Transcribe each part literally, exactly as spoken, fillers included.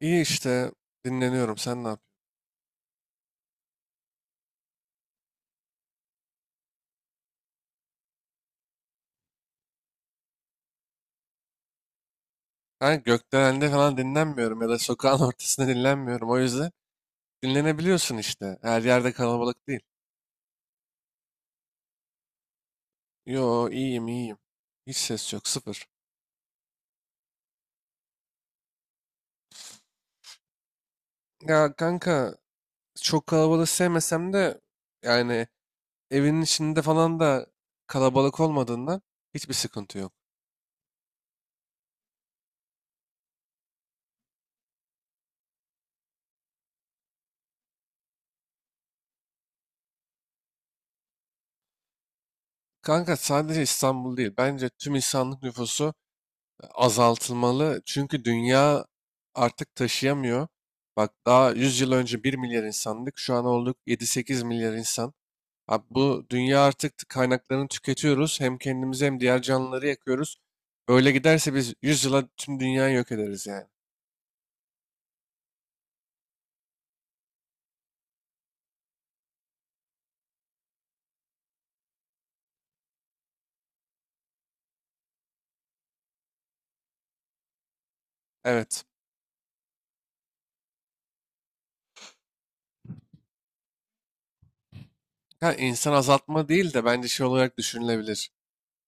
İyi işte dinleniyorum. Sen ne yapıyorsun? Ben gökdelende falan dinlenmiyorum ya da sokağın ortasında dinlenmiyorum. O yüzden dinlenebiliyorsun işte. Her yerde kalabalık değil. Yo iyiyim iyiyim. Hiç ses yok sıfır. Ya kanka çok kalabalık sevmesem de yani evinin içinde falan da kalabalık olmadığından hiçbir sıkıntı yok. Kanka sadece İstanbul değil. Bence tüm insanlık nüfusu azaltılmalı. Çünkü dünya artık taşıyamıyor. Bak daha yüz yıl önce bir milyar insandık. Şu an olduk yedi sekiz milyar insan. Abi bu dünya artık kaynaklarını tüketiyoruz. Hem kendimizi hem diğer canlıları yakıyoruz. Böyle giderse biz yüz yıla tüm dünyayı yok ederiz yani. Evet. Ha, insan azaltma değil de bence şey olarak düşünülebilir.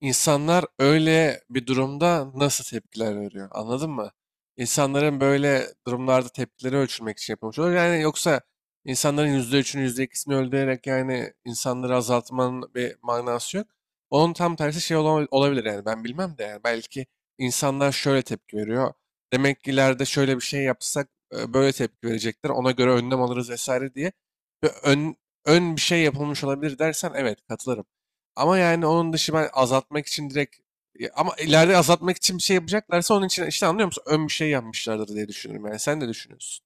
İnsanlar öyle bir durumda nasıl tepkiler veriyor? Anladın mı? İnsanların böyle durumlarda tepkileri ölçülmek için yapılmış olur. Yani yoksa insanların yüzde üçünü yüzde %2'sini öldürerek yani insanları azaltmanın bir manası yok. Onun tam tersi şey ola- olabilir yani ben bilmem de yani belki insanlar şöyle tepki veriyor. Demek ki ileride şöyle bir şey yapsak e, böyle tepki verecekler. Ona göre önlem alırız vesaire diye. Ve ön, ön bir şey yapılmış olabilir dersen evet katılırım. Ama yani onun dışı ben azaltmak için direkt. Ya, ama ileride azaltmak için bir şey yapacaklarsa onun için işte anlıyor musun? Ön bir şey yapmışlardır diye düşünüyorum yani. Sen de düşünüyorsun.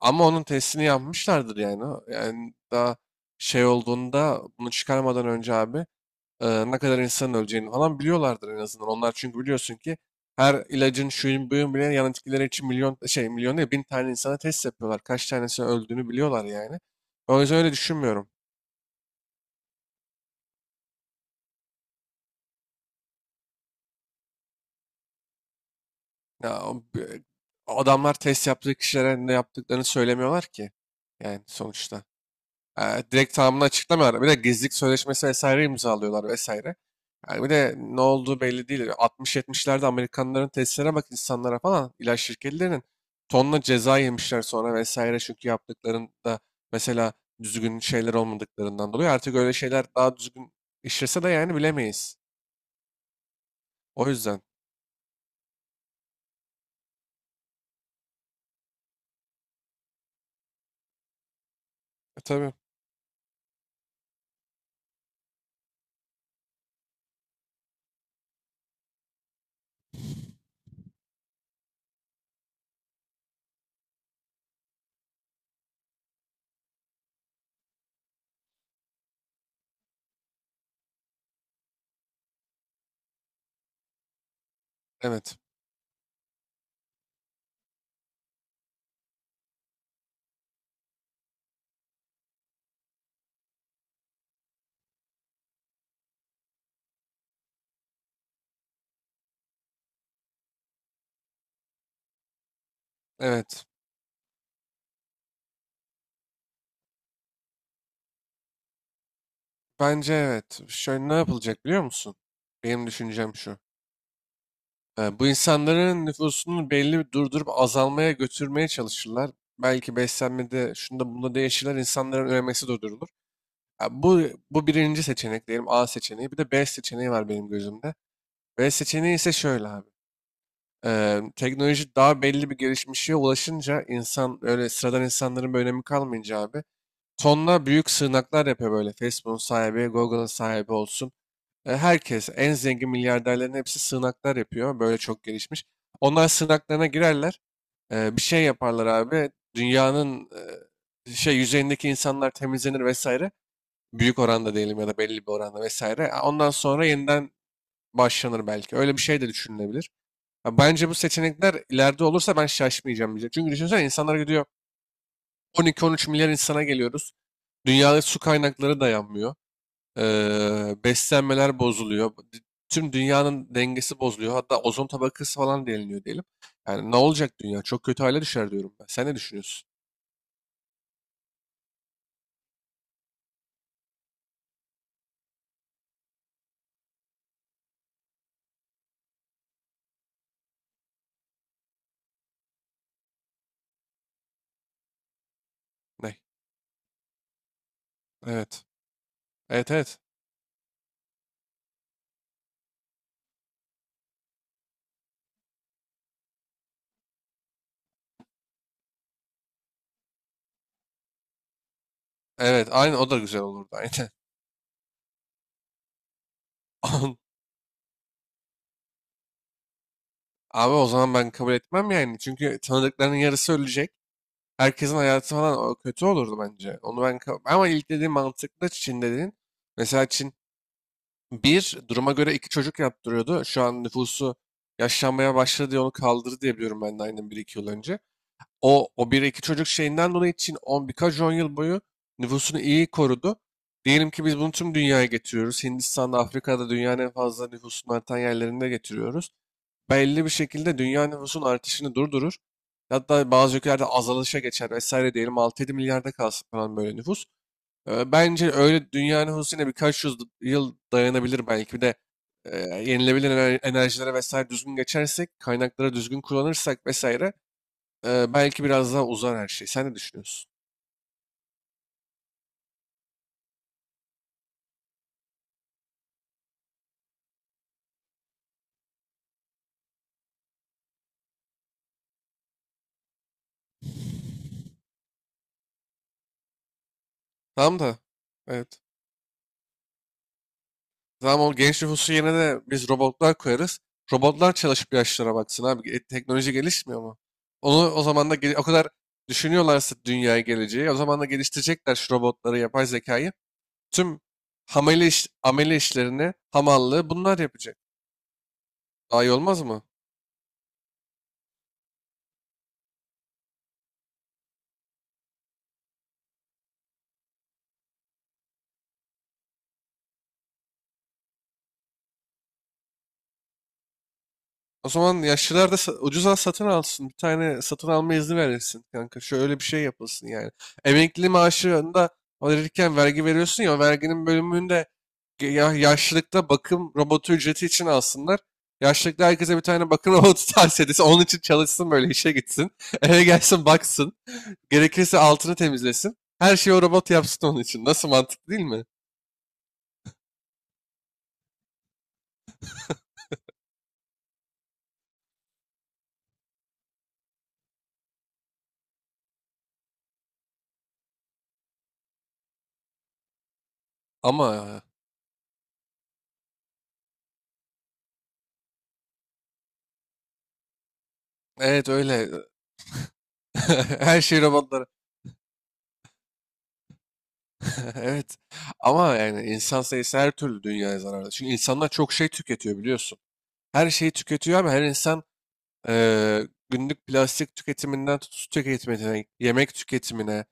Ama onun testini yapmışlardır yani. Yani daha şey olduğunda bunu çıkarmadan önce abi e, ne kadar insanın öleceğini falan biliyorlardır en azından. Onlar çünkü biliyorsun ki her ilacın şuyun buyun bile yan etkileri için milyon şey milyon değil bin tane insana test yapıyorlar. Kaç tanesinin öldüğünü biliyorlar yani. O yüzden öyle düşünmüyorum. Ya, o bi- adamlar test yaptığı kişilere ne yaptıklarını söylemiyorlar ki. Yani sonuçta. Ee, direkt tamamını açıklamıyorlar. Bir de gizlilik sözleşmesi vesaire imzalıyorlar vesaire. Yani bir de ne olduğu belli değil. altmış yetmişlerde Amerikanların testlere bak insanlara falan ilaç şirketlerinin tonla ceza yemişler sonra vesaire çünkü yaptıklarında mesela düzgün şeyler olmadıklarından dolayı artık öyle şeyler daha düzgün işlese de yani bilemeyiz. O yüzden. E, tabii. Evet. Evet. Bence evet. Şöyle ne yapılacak biliyor musun? Benim düşüncem şu. Ee, bu insanların nüfusunu belli bir durdurup azalmaya götürmeye çalışırlar. Belki beslenmede şunda bunda değişirler. İnsanların üremesi durdurulur. Ha, bu, bu birinci seçenek diyelim A seçeneği. Bir de B seçeneği var benim gözümde. B seçeneği ise şöyle abi. Ee, teknoloji daha belli bir gelişmişe ulaşınca insan öyle sıradan insanların bir önemi kalmayınca abi. Tonla büyük sığınaklar yapıyor böyle. Facebook'un sahibi, Google'ın sahibi olsun. E, Herkes, en zengin milyarderlerin hepsi sığınaklar yapıyor. Böyle çok gelişmiş. Onlar sığınaklarına girerler. e, Bir şey yaparlar abi. Dünyanın e, şey yüzeyindeki insanlar temizlenir vesaire. Büyük oranda diyelim ya da belli bir oranda vesaire. E, Ondan sonra yeniden başlanır belki. Öyle bir şey de düşünülebilir. Ya bence bu seçenekler ileride olursa ben şaşmayacağım diyecek. Çünkü düşünsene insanlar gidiyor on iki on üç milyar insana geliyoruz. Dünyada su kaynakları dayanmıyor. Eee, beslenmeler bozuluyor. D- Tüm dünyanın dengesi bozuluyor. Hatta ozon tabakası falan deliniyor diyelim. Yani ne olacak dünya? Çok kötü hale düşer diyorum ben. Sen ne düşünüyorsun? Ne? Evet. Evet evet. Evet aynı o da güzel olurdu aynen. Abi o zaman ben kabul etmem yani. Çünkü tanıdıklarının yarısı ölecek. Herkesin hayatı falan o kötü olurdu bence. Onu ben kab- ama ilk dediğim mantıklı Çin dediğin. Mesela Çin. Bir, duruma göre iki çocuk yaptırıyordu. Şu an nüfusu yaşlanmaya başladı diye onu kaldırdı diye biliyorum ben de aynen bir iki yıl önce. O, o bir iki çocuk şeyinden dolayı için on birkaç on yıl boyu nüfusunu iyi korudu. Diyelim ki biz bunu tüm dünyaya getiriyoruz. Hindistan'da, Afrika'da dünyanın en fazla nüfusunun artan yerlerinde getiriyoruz. Belli bir şekilde dünya nüfusun artışını durdurur. Hatta bazı ülkelerde azalışa geçer vesaire diyelim altı yedi milyarda kalsın falan böyle nüfus. Eee, Bence öyle dünyanın huzusuyla birkaç yüz yıl dayanabilir belki. Bir de eee, yenilebilir ener- enerjilere vesaire düzgün geçersek, kaynakları düzgün kullanırsak vesaire eee, belki biraz daha uzar her şey. Sen ne düşünüyorsun? Tamam da evet. Tamam o genç nüfusu yerine de biz robotlar koyarız. Robotlar çalışıp yaşlara baksın abi. E, teknoloji gelişmiyor mu? Onu o zaman da gel- o kadar düşünüyorlarsa dünyaya geleceği o zaman da geliştirecekler şu robotları, yapay zekayı. Tüm amele, iş, amele işlerini, hamallığı bunlar yapacak. Daha iyi olmaz mı? O zaman yaşlılar da sa- ucuza satın alsın. Bir tane satın alma izni verilsin kanka. Şöyle bir şey yapılsın yani. Emekli maaşında alırken vergi veriyorsun ya o verginin bölümünde ya yaşlılıkta bakım robotu ücreti için alsınlar. Yaşlılıkta herkese bir tane bakım robotu tavsiye edilsin. Onun için çalışsın böyle işe gitsin. Eve gelsin baksın. Gerekirse altını temizlesin. Her şeyi o robot yapsın onun için. Nasıl mantıklı değil mi? Ama evet öyle. Her şey robotlara. Evet. Ama yani insan sayısı her türlü dünyaya zararlı. Çünkü insanlar çok şey tüketiyor biliyorsun. Her şeyi tüketiyor ama her insan eee, günlük plastik tüketiminden tut su tüketimine, yemek tüketimine,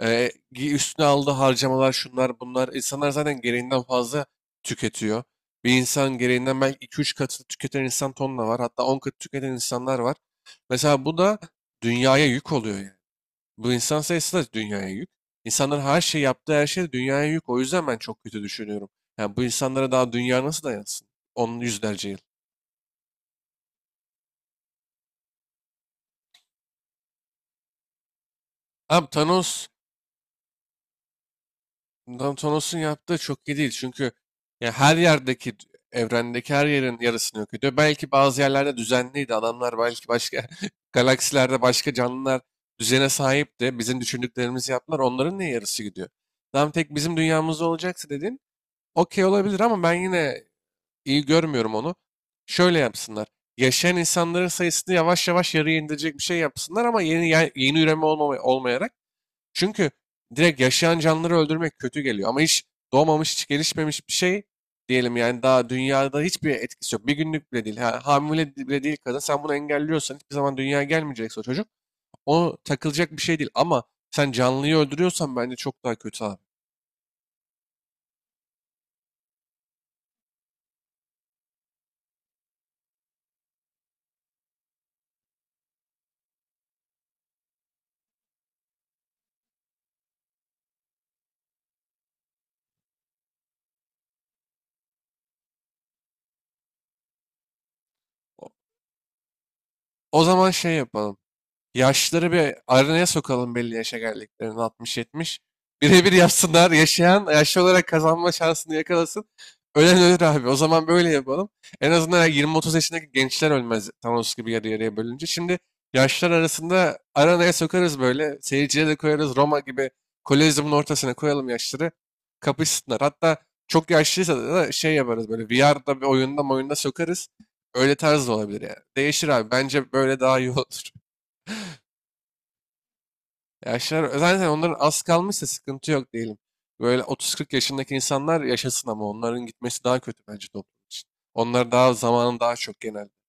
eee, gi- üstüne aldığı harcamalar şunlar bunlar. İnsanlar zaten gereğinden fazla tüketiyor. Bir insan gereğinden belki iki üç katı tüketen insan tonla var. Hatta on katı tüketen insanlar var. Mesela bu da dünyaya yük oluyor yani. Bu insan sayısı da dünyaya yük. İnsanların her şey yaptığı her şey de dünyaya yük. O yüzden ben çok kötü düşünüyorum. Yani bu insanlara daha dünya nasıl dayansın? Onun yüzlerce yıl. Abi Thanos, Tan- Thanos'un yaptığı çok iyi değil. Çünkü ya her yerdeki, evrendeki her yerin yarısını yok ediyor. Belki bazı yerlerde düzenliydi. Adamlar belki başka galaksilerde başka canlılar düzene sahipti. Bizim düşündüklerimizi yaptılar. Onların ne yarısı gidiyor? Tam tek bizim dünyamızda olacaksa dedin. Okey olabilir ama ben yine iyi görmüyorum onu. Şöyle yapsınlar. Yaşayan insanların sayısını yavaş yavaş yarıya indirecek bir şey yapsınlar ama yeni ya- yeni üreme olmama, olmayarak. Çünkü direkt yaşayan canlıları öldürmek kötü geliyor. Ama hiç doğmamış, hiç gelişmemiş bir şey diyelim yani daha dünyada hiçbir etkisi yok. Bir günlük bile değil. Ha, hamile bile değil kadın. Sen bunu engelliyorsan hiçbir zaman dünyaya gelmeyecekse o çocuk. O takılacak bir şey değil. Ama sen canlıyı öldürüyorsan bence çok daha kötü abi. O zaman şey yapalım. Yaşları bir aranaya sokalım belli yaşa geldiklerini altmış yetmiş. Birebir yapsınlar. Yaşayan yaşlı olarak kazanma şansını yakalasın. Ölen ölür abi. O zaman böyle yapalım. En azından yirmi otuz yaşındaki gençler ölmez Thanos gibi yarı yarıya bölünce. Şimdi yaşlar arasında aranaya sokarız böyle. Seyirciye de koyarız. Roma gibi Kolezyumun ortasına koyalım yaşları. Kapışsınlar. Hatta çok yaşlıysa da şey yaparız böyle V R'da bir oyunda oyunda sokarız. Öyle tarz da olabilir yani. Değişir abi. Bence böyle daha iyi olur. Yaşlar zaten onların az kalmışsa sıkıntı yok diyelim. Böyle otuz kırk yaşındaki insanlar yaşasın ama onların gitmesi daha kötü bence toplum için. Onlar daha zamanın daha çok genelde.